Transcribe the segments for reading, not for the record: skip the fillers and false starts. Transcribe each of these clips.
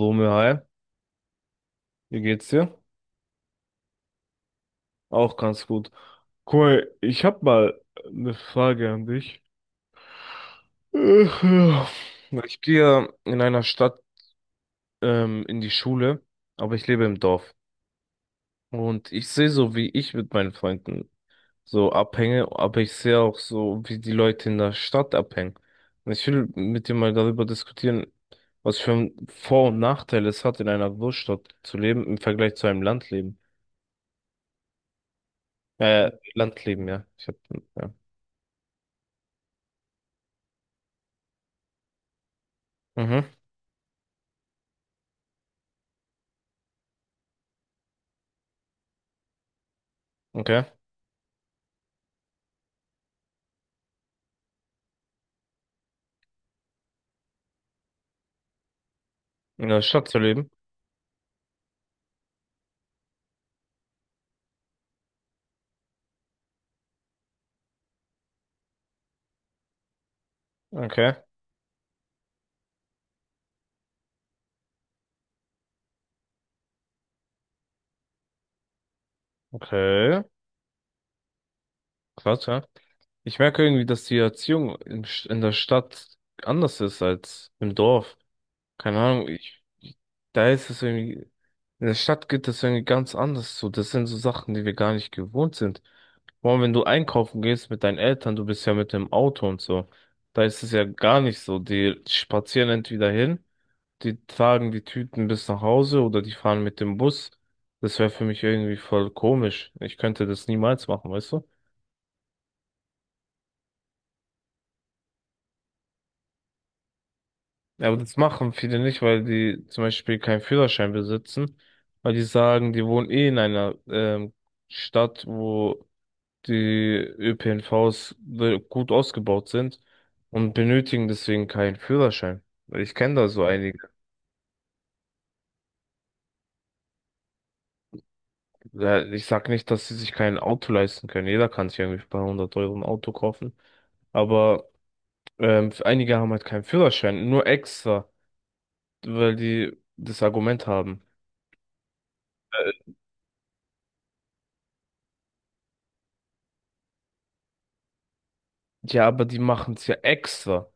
Romeo, hi, wie geht's dir? Auch ganz gut. Guck mal, ich hab mal eine Frage an dich. Ach, ja. Ich gehe in einer Stadt in die Schule, aber ich lebe im Dorf. Und ich sehe so, wie ich mit meinen Freunden so abhänge, aber ich sehe auch so, wie die Leute in der Stadt abhängen. Und ich will mit dir mal darüber diskutieren, was für ein Vor- und Nachteil es hat, in einer Großstadt zu leben im Vergleich zu einem Landleben. Landleben, ja. Ja. Mhm. Okay. In der Stadt zu leben. Okay. Okay. Krass, ja. Ich merke irgendwie, dass die Erziehung in der Stadt anders ist als im Dorf. Keine Ahnung, ich, da ist es irgendwie, in der Stadt geht das irgendwie ganz anders so. Das sind so Sachen, die wir gar nicht gewohnt sind. Vor allem, wenn du einkaufen gehst mit deinen Eltern, du bist ja mit dem Auto und so. Da ist es ja gar nicht so. Die spazieren entweder hin. Die tragen die Tüten bis nach Hause oder die fahren mit dem Bus. Das wäre für mich irgendwie voll komisch. Ich könnte das niemals machen, weißt du? Ja, aber das machen viele nicht, weil die zum Beispiel keinen Führerschein besitzen, weil die sagen, die wohnen eh in einer Stadt, wo die gut ausgebaut sind und benötigen deswegen keinen Führerschein. Ich kenne da so einige. Ja, ich sag nicht, dass sie sich kein Auto leisten können. Jeder kann sich irgendwie bei 100€ ein Auto kaufen. Aber einige haben halt keinen Führerschein, nur extra, weil die das Argument haben. Äh, Ja, aber die machen es ja extra.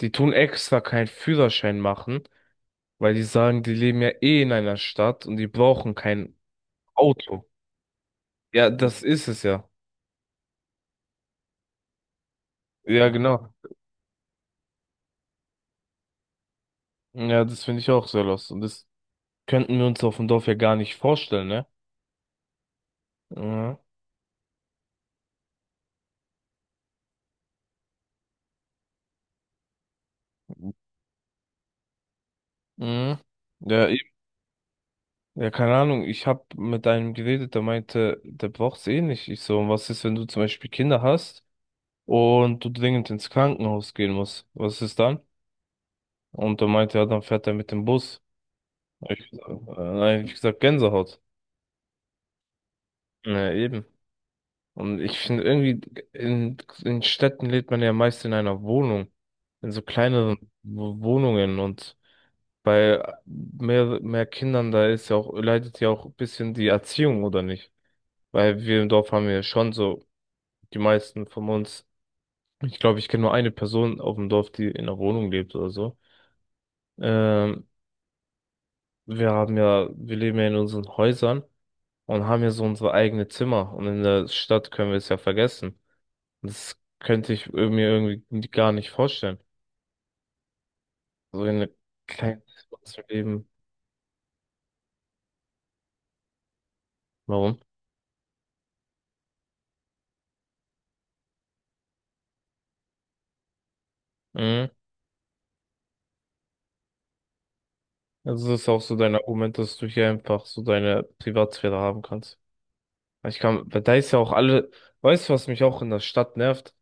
Die tun extra keinen Führerschein machen, weil die sagen, die leben ja eh in einer Stadt und die brauchen kein Auto. Ja, das ist es ja. Ja, genau. Ja, das finde ich auch sehr lost. Und das könnten wir uns auf dem Dorf ja gar nicht vorstellen, ne? Mhm. Mhm. Ja, ja, keine Ahnung, ich habe mit einem geredet, der meinte, der braucht's eh nicht. Ich so, und was ist, wenn du zum Beispiel Kinder hast und du dringend ins Krankenhaus gehen musst? Was ist dann? Und er meinte, ja, dann fährt er mit dem Bus. Ich, äh, nein, ich gesagt, Gänsehaut. Ja, eben. Und ich finde irgendwie, in, in Städten lebt man ja meist in einer Wohnung, in so kleineren Wohnungen und bei mehr Kindern, da ist ja auch, leidet ja auch ein bisschen die Erziehung, oder nicht? Weil wir im Dorf haben ja schon so die meisten von uns. Ich glaube, ich kenne nur eine Person auf dem Dorf, die in einer Wohnung lebt oder so. Ähm, wir haben ja, wir leben ja in unseren Häusern und haben ja so unsere eigene Zimmer. Und in der Stadt können wir es ja vergessen. Und das könnte ich mir irgendwie gar nicht vorstellen. So in einem kleinen Zimmer zu leben. Warum? Mhm. Also das ist auch so dein Argument, dass du hier einfach so deine Privatsphäre haben kannst. Ich kann, weil da ist ja auch alle, weißt du, was mich auch in der Stadt nervt?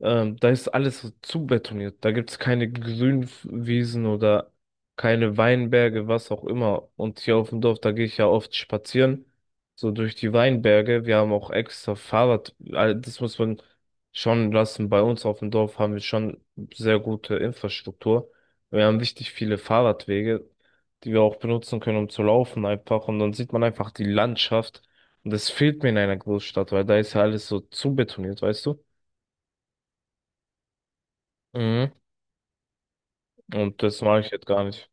Da ist alles so zubetoniert. Da gibt es keine Grünwiesen oder keine Weinberge, was auch immer. Und hier auf dem Dorf, da gehe ich ja oft spazieren, so durch die Weinberge. Wir haben auch extra Fahrrad. Das muss man schon lassen. Bei uns auf dem Dorf haben wir schon sehr gute Infrastruktur. Wir haben richtig viele Fahrradwege, die wir auch benutzen können, um zu laufen einfach. Und dann sieht man einfach die Landschaft. Und das fehlt mir in einer Großstadt, weil da ist ja alles so zubetoniert, weißt du? Mhm. Und das mag ich jetzt gar nicht.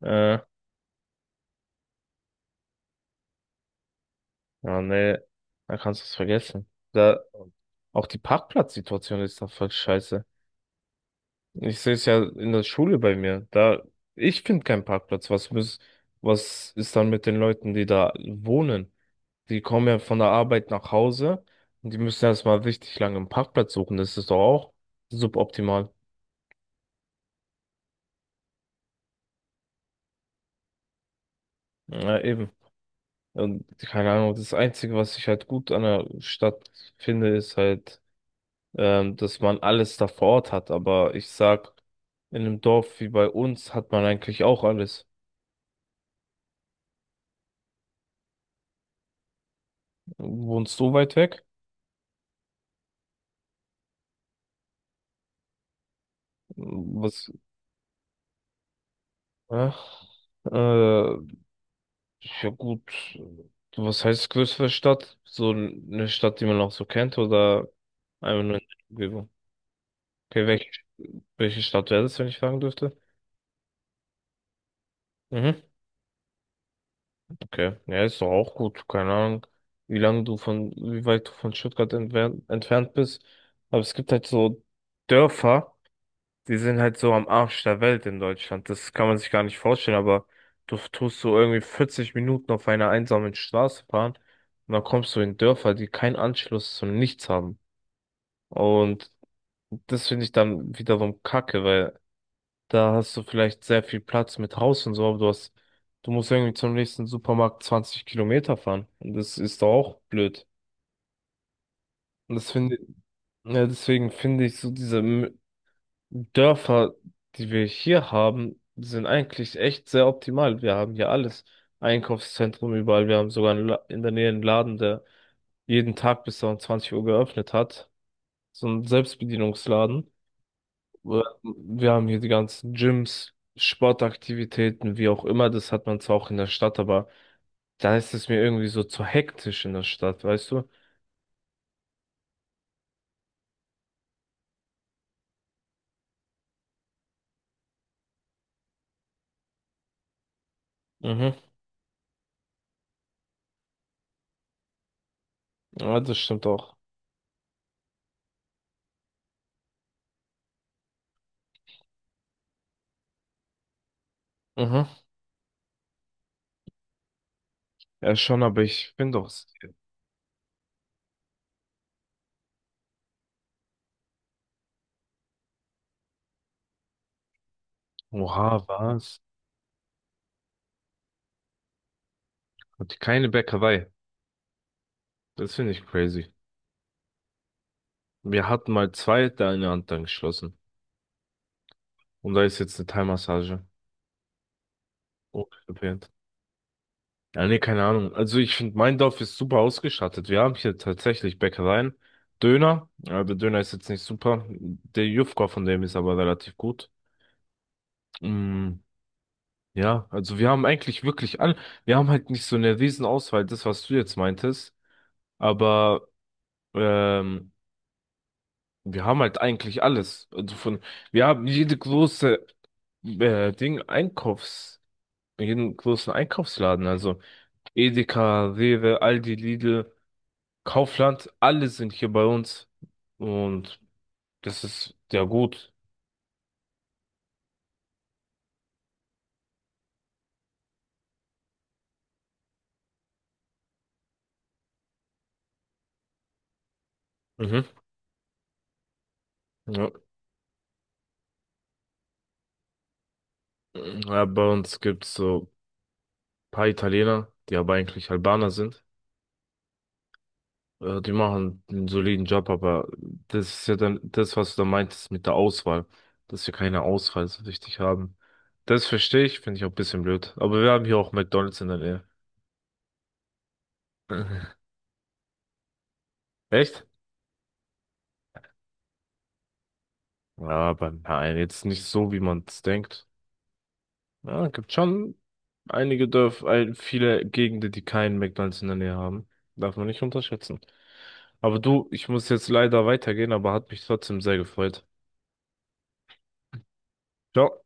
Äh, ja, nee, da kannst du es vergessen. Da, auch die Parkplatzsituation ist da voll scheiße. Ich sehe es ja in der Schule bei mir. Da, ich finde keinen Parkplatz. Was ist dann mit den Leuten, die da wohnen? Die kommen ja von der Arbeit nach Hause und die müssen erstmal richtig lange einen Parkplatz suchen. Das ist doch auch suboptimal. Ja, eben. Und keine Ahnung, das Einzige, was ich halt gut an der Stadt finde, ist halt, dass man alles da vor Ort hat. Aber ich sag, in einem Dorf wie bei uns hat man eigentlich auch alles. Wohnst du weit weg? Was? Äh, äh, ja gut. Was heißt größere Stadt? So eine Stadt, die man auch so kennt oder einfach nur in der Umgebung? Okay, welche Stadt wäre das, wenn ich fragen dürfte? Mhm. Okay, ja, ist doch auch gut. Keine Ahnung, wie weit du von Stuttgart entfernt bist. Aber es gibt halt so Dörfer. Die sind halt so am Arsch der Welt in Deutschland. Das kann man sich gar nicht vorstellen, aber du tust so irgendwie 40 Minuten auf einer einsamen Straße fahren und dann kommst du in Dörfer, die keinen Anschluss zu nichts haben. Und das finde ich dann wiederum kacke, weil da hast du vielleicht sehr viel Platz mit Haus und so, aber du hast, du musst irgendwie zum nächsten Supermarkt 20 Kilometer fahren. Und das ist doch auch blöd. Und das finde, ja, deswegen finde ich so diese Dörfer, die wir hier haben, sind eigentlich echt sehr optimal. Wir haben hier alles. Einkaufszentrum überall. Wir haben sogar in der Nähe einen Laden, der jeden Tag bis um 20 Uhr geöffnet hat. So ein Selbstbedienungsladen. Wir haben hier die ganzen Gyms, Sportaktivitäten, wie auch immer. Das hat man zwar auch in der Stadt, aber da ist es mir irgendwie so zu hektisch in der Stadt, weißt du? Mhm. Ja, das stimmt auch. Mhm. Ja, schon, aber ich bin doch. Oha, was? Und keine Bäckerei. Das finde ich crazy. Wir hatten mal zwei, der eine hat dann geschlossen. Und da ist jetzt eine Thai-Massage. Oh, geplant. Ja, nee, keine Ahnung. Also ich finde, mein Dorf ist super ausgestattet. Wir haben hier tatsächlich Bäckereien. Döner. Ja, der Döner ist jetzt nicht super. Der Jufka von dem ist aber relativ gut. Mm, ja, also wir haben eigentlich wirklich all. Wir haben halt nicht so eine riesen Auswahl, das, was du jetzt meintest. Aber ähm, Wir haben halt eigentlich alles. Wir haben jede große äh, Ding Einkaufs, jeden großen Einkaufsladen. Also Edeka, Rewe, Aldi, Lidl, Kaufland, alle sind hier bei uns. Und das ist ja gut. Mhm. Ja. Ja, bei uns gibt's so ein paar Italiener, die aber eigentlich Albaner sind. Ja, die machen einen soliden Job, aber das ist ja dann das, was du da meintest mit der Auswahl, dass wir keine Auswahl so richtig haben. Das verstehe ich, finde ich auch ein bisschen blöd. Aber wir haben hier auch McDonald's in der Nähe. Echt? Ja, aber nein, jetzt nicht so, wie man es denkt. Ja, gibt schon einige Dörfer, viele Gegenden, die keinen McDonald's in der Nähe haben. Darf man nicht unterschätzen. Aber du, ich muss jetzt leider weitergehen, aber hat mich trotzdem sehr gefreut. Ciao.